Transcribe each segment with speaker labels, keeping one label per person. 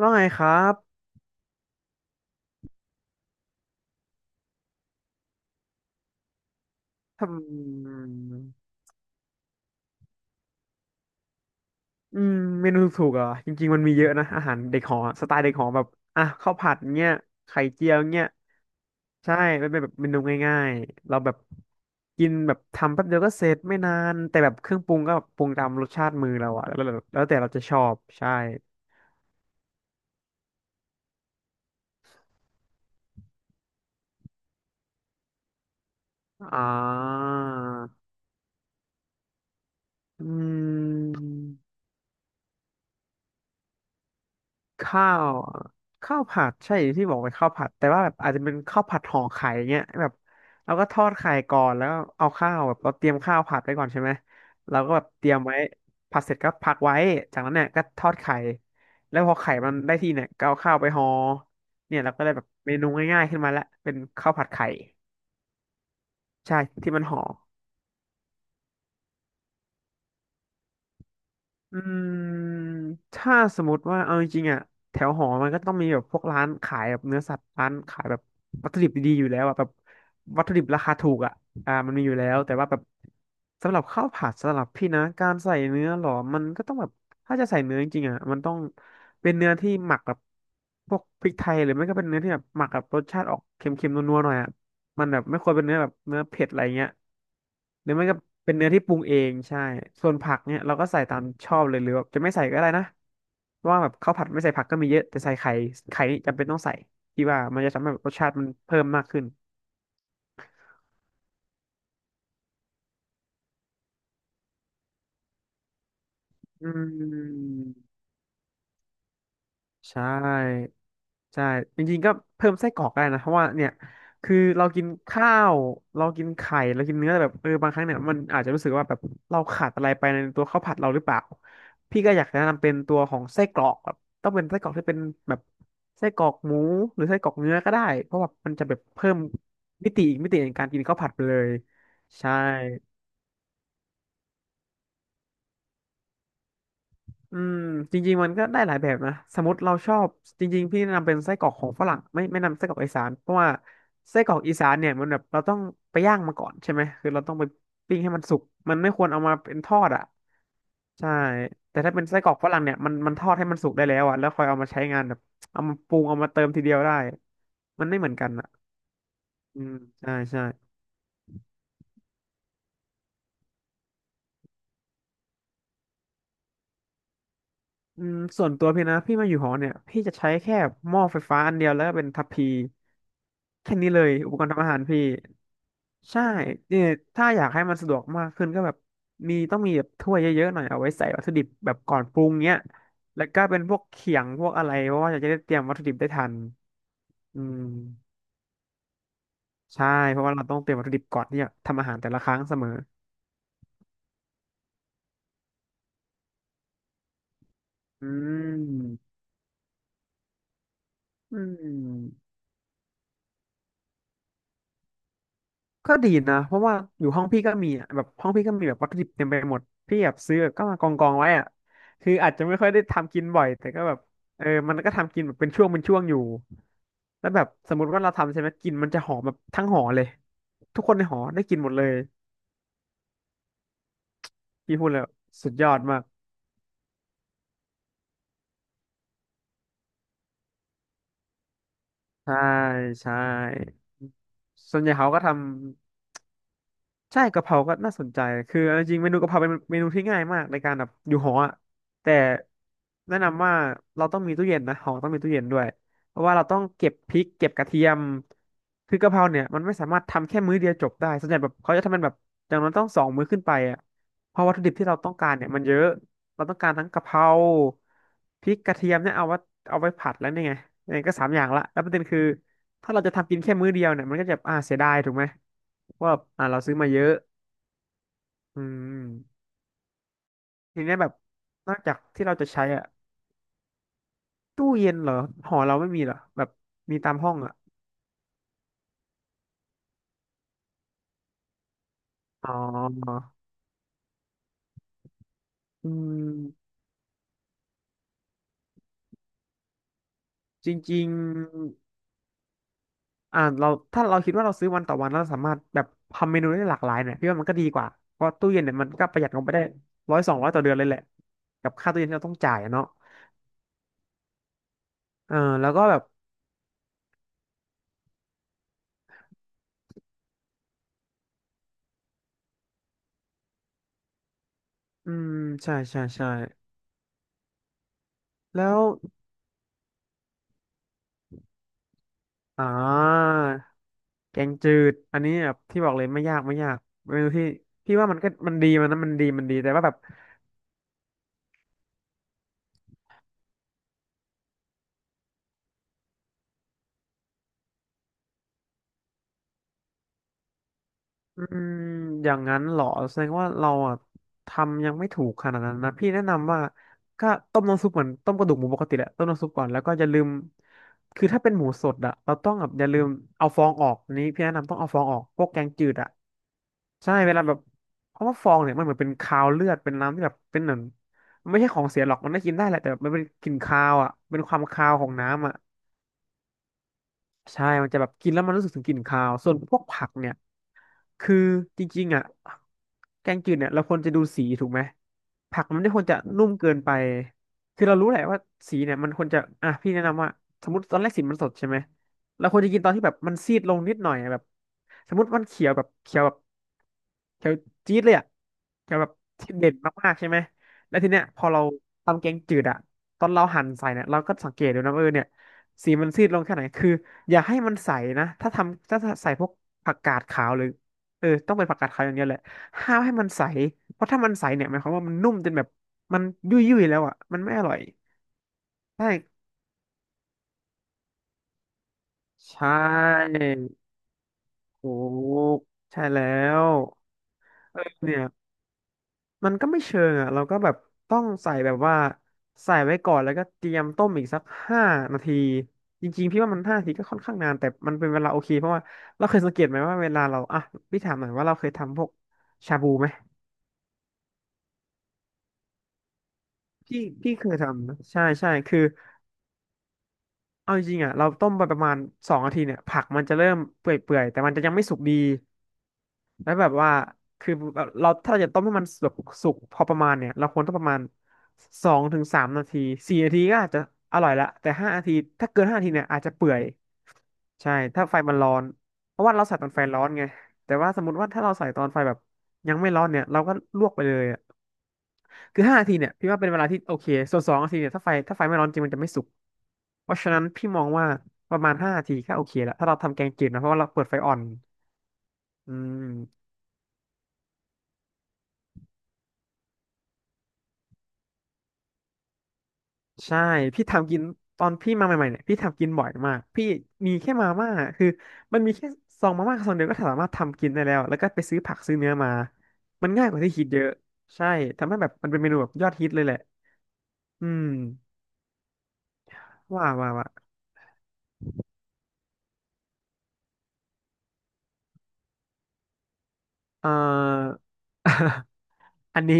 Speaker 1: ว่าไงครับทำอืมเมนูถูกๆเหรอ่ะจริงๆมันมีเยอะนะอาหารเด็กหอสไตล์เด็กหอแบบอ่ะข้าวผัดเงี้ยไข่เจียวเงี้ยใช่มันเป็นแบบเมนูง่ายๆเราแบบกินแบบทำแป๊บเดียวก็เสร็จไม่นานแต่แบบเครื่องปรุงก็ปรุงตามรสชาติมือเราอะแล้วแต่เราจะชอบใช่อ่าอืม ข้าวข้าวผัดใช่ที่บอกเป็นข้าวผัดแต่ว่าแบบอาจจะเป็นข้าวผัดห่อไข่เงี้ยแบบเราก็ทอดไข่ก่อนแล้วเอาข้าวแบบเราเตรียมข้าวผัดไว้ก่อนใช่ไหมเราก็แบบเตรียมไว้ผัดเสร็จก็พักไว้จากนั้นเนี่ยก็ทอดไข่แล้วพอไข่มันได้ที่เนี่ยก็เอาข้าวไปห่อเนี่ยเราก็ได้แบบเมนูง่ายๆขึ้นมาละเป็นข้าวผัดไข่ใช่ที่มันห่อ อืมถ้าสมมติว่าเอาจริงๆอ่ะแถวหอมันก็ต้องมีแบบพวกร้านขายแบบเนื้อสัตว์ร้านขายแบบวัตถุดิบดีๆอยู่แล้วอ่ะแบบวัตถุดิบราคาถูกอ่ะมันมีอยู่แล้วแต่ว่าแบบสำหรับข้าวผัดสำหรับพี่นะการใส่เนื้อหรอมันก็ต้องแบบถ้าจะใส่เนื้อจริงๆอ่ะมันต้องเป็นเนื้อที่หมักกับพวกพริกไทยหรือไม่ก็เป็นเนื้อที่แบบหมักกับรสชาติออกเค็มๆนัวๆหน่อยอ่ะ มันแบบไม่ควรเป็นเนื้อแบบเนื้อเผ็ดอะไรเงี้ยหรือไม่ก็เป็นเนื้อที่ปรุงเองใช่ส่วนผักเนี่ยเราก็ใส่ตามชอบเลยหรือแบบจะไม่ใส่ก็ได้นะเพราะว่าแบบข้าวผัดไม่ใส่ผักก็มีเยอะแต่ใส่ไข่ไข่นี่จำเป็นต้องใส่ที่ว่ามันจะทำให้แบบรสชาติมันเพิ่มมากขึ้นอืม ใช่ใช่จริงๆก็เพิ่มไส้กรอกก็ได้นะเพราะว่าเนี่ยคือเรากินข้าวเรากินไข่เรากินเนื้อแต่แบบเออบางครั้งเนี่ยมันอาจจะรู้สึกว่าแบบเราขาดอะไรไปในตัวข้าวผัดเราหรือเปล่าพี่ก็อยากแนะนำเป็นตัวของไส้กรอกแบบต้องเป็นไส้กรอกที่เป็นแบบไส้กรอกหมูหรือไส้กรอกเนื้อก็ได้เพราะว่ามันจะแบบเพิ่มมิติอีกมิติในการกินข้าวผัดไปเลยใช่ อืมจริงๆมันก็ได้หลายแบบนะสมมติเราชอบจริงๆพี่แนะนำเป็นไส้กรอกของฝรั่งไม่นำไส้กรอกอีสานเพราะว่าไส้กรอกอีสานเนี่ยมันแบบเราต้องไปย่างมาก่อนใช่ไหมคือเราต้องไปปิ้งให้มันสุกมันไม่ควรเอามาเป็นทอดอ่ะใช่แต่ถ้าเป็นไส้กรอกฝรั่งเนี่ยมันทอดให้มันสุกได้แล้วอ่ะแล้วค่อยเอามาใช้งานแบบเอามาปรุงเอามาเติมทีเดียวได้มันไม่เหมือนกันอ่ะอืมใช่ใช่ ส่วนตัวพี่นะพี่มาอยู่หอเนี่ยพี่จะใช้แค่หม้อไฟฟ้าอันเดียวแล้วก็เป็นทัพพีแค่นี้เลยอุปกรณ์ทำอาหารพี่ใช่เนี่ยถ้าอยากให้มันสะดวกมากขึ้นก็แบบมีต้องมีแบบถ้วยเยอะๆหน่อยเอาไว้ใส่วัตถุดิบแบบก่อนปรุงเนี้ยแล้วก็เป็นพวกเขียงพวกอะไรเพราะว่าอยากจะได้เตรียมวัตถุดิบได้ทันอืมใช่เพราะว่าเราต้องเตรียมวัตถุดิบก่อนที่จะทำอาหารแต่ละครั้งเสมออืมอืม ก็ดีนะเพราะว่าอยู่ห้องพี่ก็มีอะแบบห้องพี่ก็มีแบบวัตถุดิบเต็มไปหมดพี่แบบซื้อแบบก็มากองไว้อะคืออาจจะไม่ค่อยได้ทำกินบ่อยแต่ก็แบบเออมันก็ทำกินแบบเป็นช่วงเป็นช่วงอยู่แล้วแบบสมมติว่าเราทำใช่ไหมกลินมันจะหอมแบบทั้งหอเลยทุกคนในหอได้กินหมดเลยพี่พูดแล้วสุดยอดมากใช่ใช่ส่วนใหญ่เขาก็ทำ ใช่กะเพราก็น่าสนใจ คือเอาจริงๆเมนูกะเพราเป็นเมนูที่ง่ายมากในการแบบอยู่หออะแต่แนะนำว่าเราต้องมีตู้เย็นนะหอต้องมีตู้เย็นด้วยเพราะว่าเราต้องเก็บพริกเก็บกระเทียมคือกะเพราเนี่ยมันไม่สามารถทำแค่มื้อเดียวจบได้ส่วนใหญ่แบบเขาจะทำเป็นแบบอย่างนั้นต้อง2 มื้อขึ้นไปอ่ะเพราะวัตถุดิบที่เราต้องการเนี่ยมันเยอะเราต้องการทั้งกะเพราพริกกระเทียมเนี่ยเอาไว้ผัดแล้วเนี่ยไงยังไงก็3 อย่างละแล้วประเด็นคือ ถ้าเราจะทำกินแค่มื้อเดียวเนี่ยมันก็จะเสียดายถูกไหมเพราะว่าเราซื้อมาเยอะอืมทีเนี้ยแบบนอกจากที่เราจะใช้อ่ะตู้เย็นเหรอหอเราไม่มีเหรอแบบมีตามห้องอ่ะอ๋ออืมจริงๆเราถ้าเราคิดว่าเราซื้อวันต่อวันแล้วเราสามารถแบบทำเมนูได้หลากหลายเนี่ยพี่ว่ามันก็ดีกว่าเพราะตู้เย็นเนี่ยมันก็ประหยัดลงไปได้ร้อยสองร้อยต่อเดือนเลยแหละกับค่าตู้เย็นที่เราต้องจ่ายอะเนาะเออแล้วก็แบบอืมใช่ใช่ใช่แล้วอ่า แกงจืดอันนี้แบบที่บอกเลยไม่ยากไม่ยากเมนูที่พี่ว่ามันก็มันดีมันนะมันดีมันดีแต่ว่าแบบ อืมอย่างนั้นเหรอแสดงว่าเราอ่ะทำยังไม่ถูกขนาดนั้นนะพี่แนะนำว่าก็ต้มน้ำซุปเหมือนต้มกระดูกหมูปกติแหละต้มน้ำซุปก่อนแล้วก็อย่าลืมคือถ้าเป็นหมูสดอ่ะเราต้องแบบอย่าลืมเอาฟองออกอันนี้พี่แนะนำต้องเอาฟองออกพวกแกงจืดอ่ะใช่เวลาแบบเพราะว่าฟองเนี่ยมันเหมือนเป็นคาวเลือดเป็นน้ำที่แบบเป็นเหมือนมันไม่ใช่ของเสียหรอกมันได้กินได้แหละแต่แบบมันเป็นกลิ่นคาวอ่ะเป็นความคาวของน้ำอ่ะใช่มันจะแบบกินแล้วมันรู้สึกถึงกลิ่นคาวส่วนพวกผักเนี่ย คือจริงๆอ่ะแกงจืดเนี่ยเราควรจะดูสีถูกไหมผักมันไม่ควรจะนุ่มเกินไปคือเรารู้แหละว่าสีเนี่ยมันควรจะอ่ะพี่แนะนำว่าสมมติตอนแรกสีมันสดใช่ไหมเราควรจะกินตอนที่แบบมันซีดลงนิดหน่อยอะแบบสมมติมันเขียวแบบเขียวแบบเขียวจี๊ดเลยอ่ะเขียวแบบเด่นมากๆใช่ไหมแล้วทีเนี้ยพอเราทำแกงจืดอ่ะตอนเราหั่นใส่เนี่ยเราก็สังเกตดูนะว่าเออเนี่ยสีมันซีดลงแค่ไหนคืออย่าให้มันใสนะถ้าทำถ้าใส่พวกผักกาดขาวหรือ เออต้องเป็นผักกาดขาวอย่างเดียวแหละห้ามให้มันใสเพราะถ้ามันใสเนี่ยหมายความว่ามันนุ่มจนแบบมันยุ่ยยุ่ยแล้วอ่ะมันไม่อร่อยใช่ใช่ถูกใช่แล้วเออเนี่ยมันก็ไม่เชิงอ่ะเราก็แบบต้องใส่แบบว่าใส่ไว้ก่อนแล้วก็เตรียมต้มอีกสักห้านาทีจริงๆพี่ว่ามันห้านาทีก็ค่อนข้างนานแต่มันเป็นเวลาโอเคเพราะว่าเราเคยสังเกตไหมว่าเวลาเราอ่ะพี่ถามหน่อยว่าเราเคยทำพวกชาบูไหมพี่พี่เคยทำนะใช่ใช่คือ เอาจริงๆอ่ะเราต้มไปประมาณสองนาทีเนี่ยผักมันจะเริ่มเปื่อยๆแต่มันจะยังไม่สุกดีแล้วแบบว่าคือแบบเราถ้าเราจะต้มให้มันแบบสุกพอประมาณเนี่ยเราควรต้องประมาณสองถึงสามนาทีสี่นาทีก็อาจจะอร่อยละแต่ห้านาทีถ้าเกินห้านาทีเนี่ยอาจจะเปื่อยใช่ถ้าไฟมันร้อนเพราะว่าเราใส่ตอนไฟร้อนไงแต่ว่าสมมติว่าถ้าเราใส่ตอนไฟแบบยังไม่ร้อนเนี่ยเราก็ลวกไปเลยอะคือห้านาทีเนี่ยพี่ว่าเป็นเวลาที่โอเคส่วนสองนาทีเนี่ยถ้าไฟไม่ร้อนจริงมันจะไม่สุก เพราะฉะนั้นพี่มองว่าประมาณห้านาทีก็โอเคแล้วถ้าเราทำแกงจืดนะเพราะว่าเราเปิดไฟอ่อนอืมใช่พี่ทำกินตอนพี่มาใหม่ๆเนี่ยพี่ทำกินบ่อยมากพี่มีแค่มาม่าคือมันมีแค่ซองมาม่าซองเดียวก็สามารถทำกินได้แล้วแล้วก็ไปซื้อผักซื้อเนื้อมามันง่ายกว่าที่คิดเยอะใช่ทำให้แบบมันเป็นเมนูแบบยอดฮิตเลยแหละอืมว่าว่าว่าเอ่อ อันนี้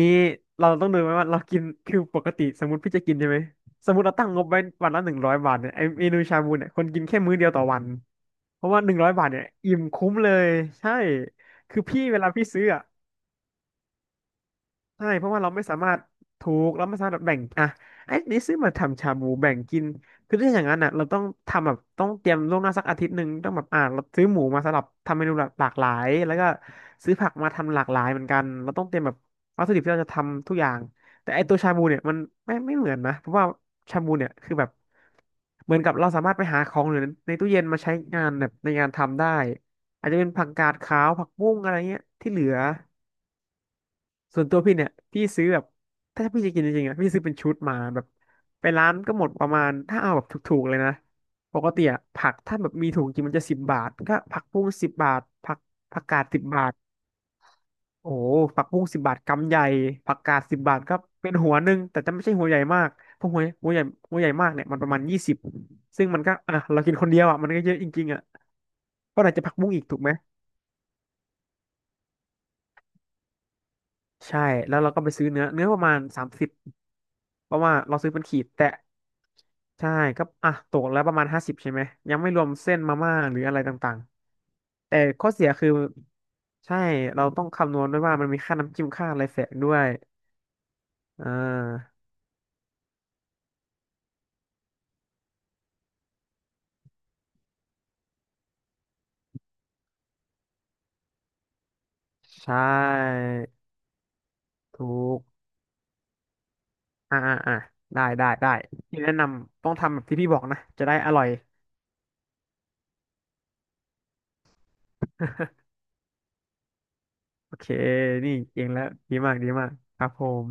Speaker 1: เราต้องดูไหมว่าเรากินคือปกติสมมติพี่จะกินใช่ไหมสมมติเราตั้งงบไว้วันละหนึ่งร้อยบาทเนี่ยไอเมนูชาบูเนี่ยคนกินแค่มื้อเดียวต่อวันเพราะว่าหนึ่งร้อยบาทเนี่ยอิ่มคุ้มเลยใช่คือพี่เวลาพี่ซื้ออะ ใช่เพราะว่าเราไม่สามารถถูกเราไม่สามารถแบบแบ่งอ่ะไอ้นี่ซื้อมาทำชาบูแบ่งกินคือถ้าอย่างนั้นอ่ะเราต้องทำแบบต้องเตรียมล่วงหน้าสักอาทิตย์หนึ่งต้องแบบเราซื้อหมูมาสำหรับทำเมนูหลากหลายแล้วก็ซื้อผักมาทำหลากหลายเหมือนกันเราต้องเตรียมแบบวัตถุดิบที่เราจะทำทุกอย่างแต่ไอ้ตัวชาบูเนี่ยมันไม่เหมือนนะเพราะว่าชาบูเนี่ยคือแบบเหมือนกับเราสามารถไปหาของหรือในตู้เย็นมาใช้งานแบบในงานทำได้อาจจะเป็นผักกาดขาวผักบุ้งอะไรเงี้ยที่เหลือ ส่วนตัวพี่เนี่ยพี่ซื้อแบบถ้าพี่จะกินจริงๆอ่ะพี่ซื้อเป็นชุดมาแบบไปร้านก็หมดประมาณถ้าเอาแบบถูกๆเลยนะปกติอ่ะผักถ้าแบบมีถุงจริงมันจะสิบบาทก็ผักบุ้งสิบบาทผักกาดสิบบาทโอ้โหผักบุ้งสิบบาทกำใหญ่ผักกาดสิบบาทก็เป็นหัวหนึ่งแต่จะไม่ใช่หัวใหญ่มากเพราะหัวใหญ่หัวใหญ่มากเนี่ยมันประมาณ20ซึ่งมันก็อ่ะเรากินคนเดียวอ่ะมันก็เยอะจริงๆอ่ะก็อาจจะผักบุ้งอีกถูกไหม ใช่แล้วเราก็ไปซื้อเนื้อเนื้อประมาณ30เพราะว่าเราซื้อเป็นขีดแต่ใช่ก็อ่ะตกแล้วประมาณ50ใช่ไหมยังไม่รวมเส้นมาม่าหรืออะไรต่างๆแต่ข้อเสียคือใช่เราต้องคำนวณด้วยว่ามันมีค่าน้ำจิ้มค่าอะไรแฝงด้วยอ่าใช่ถูกอ่าอ่าอ่าได้ได้ได้ที่แนะนำต้องทำแบบที่พี่บอกนะจะได้อร่อย โอเคนี่เองแล้วดีมากดีมากครับผม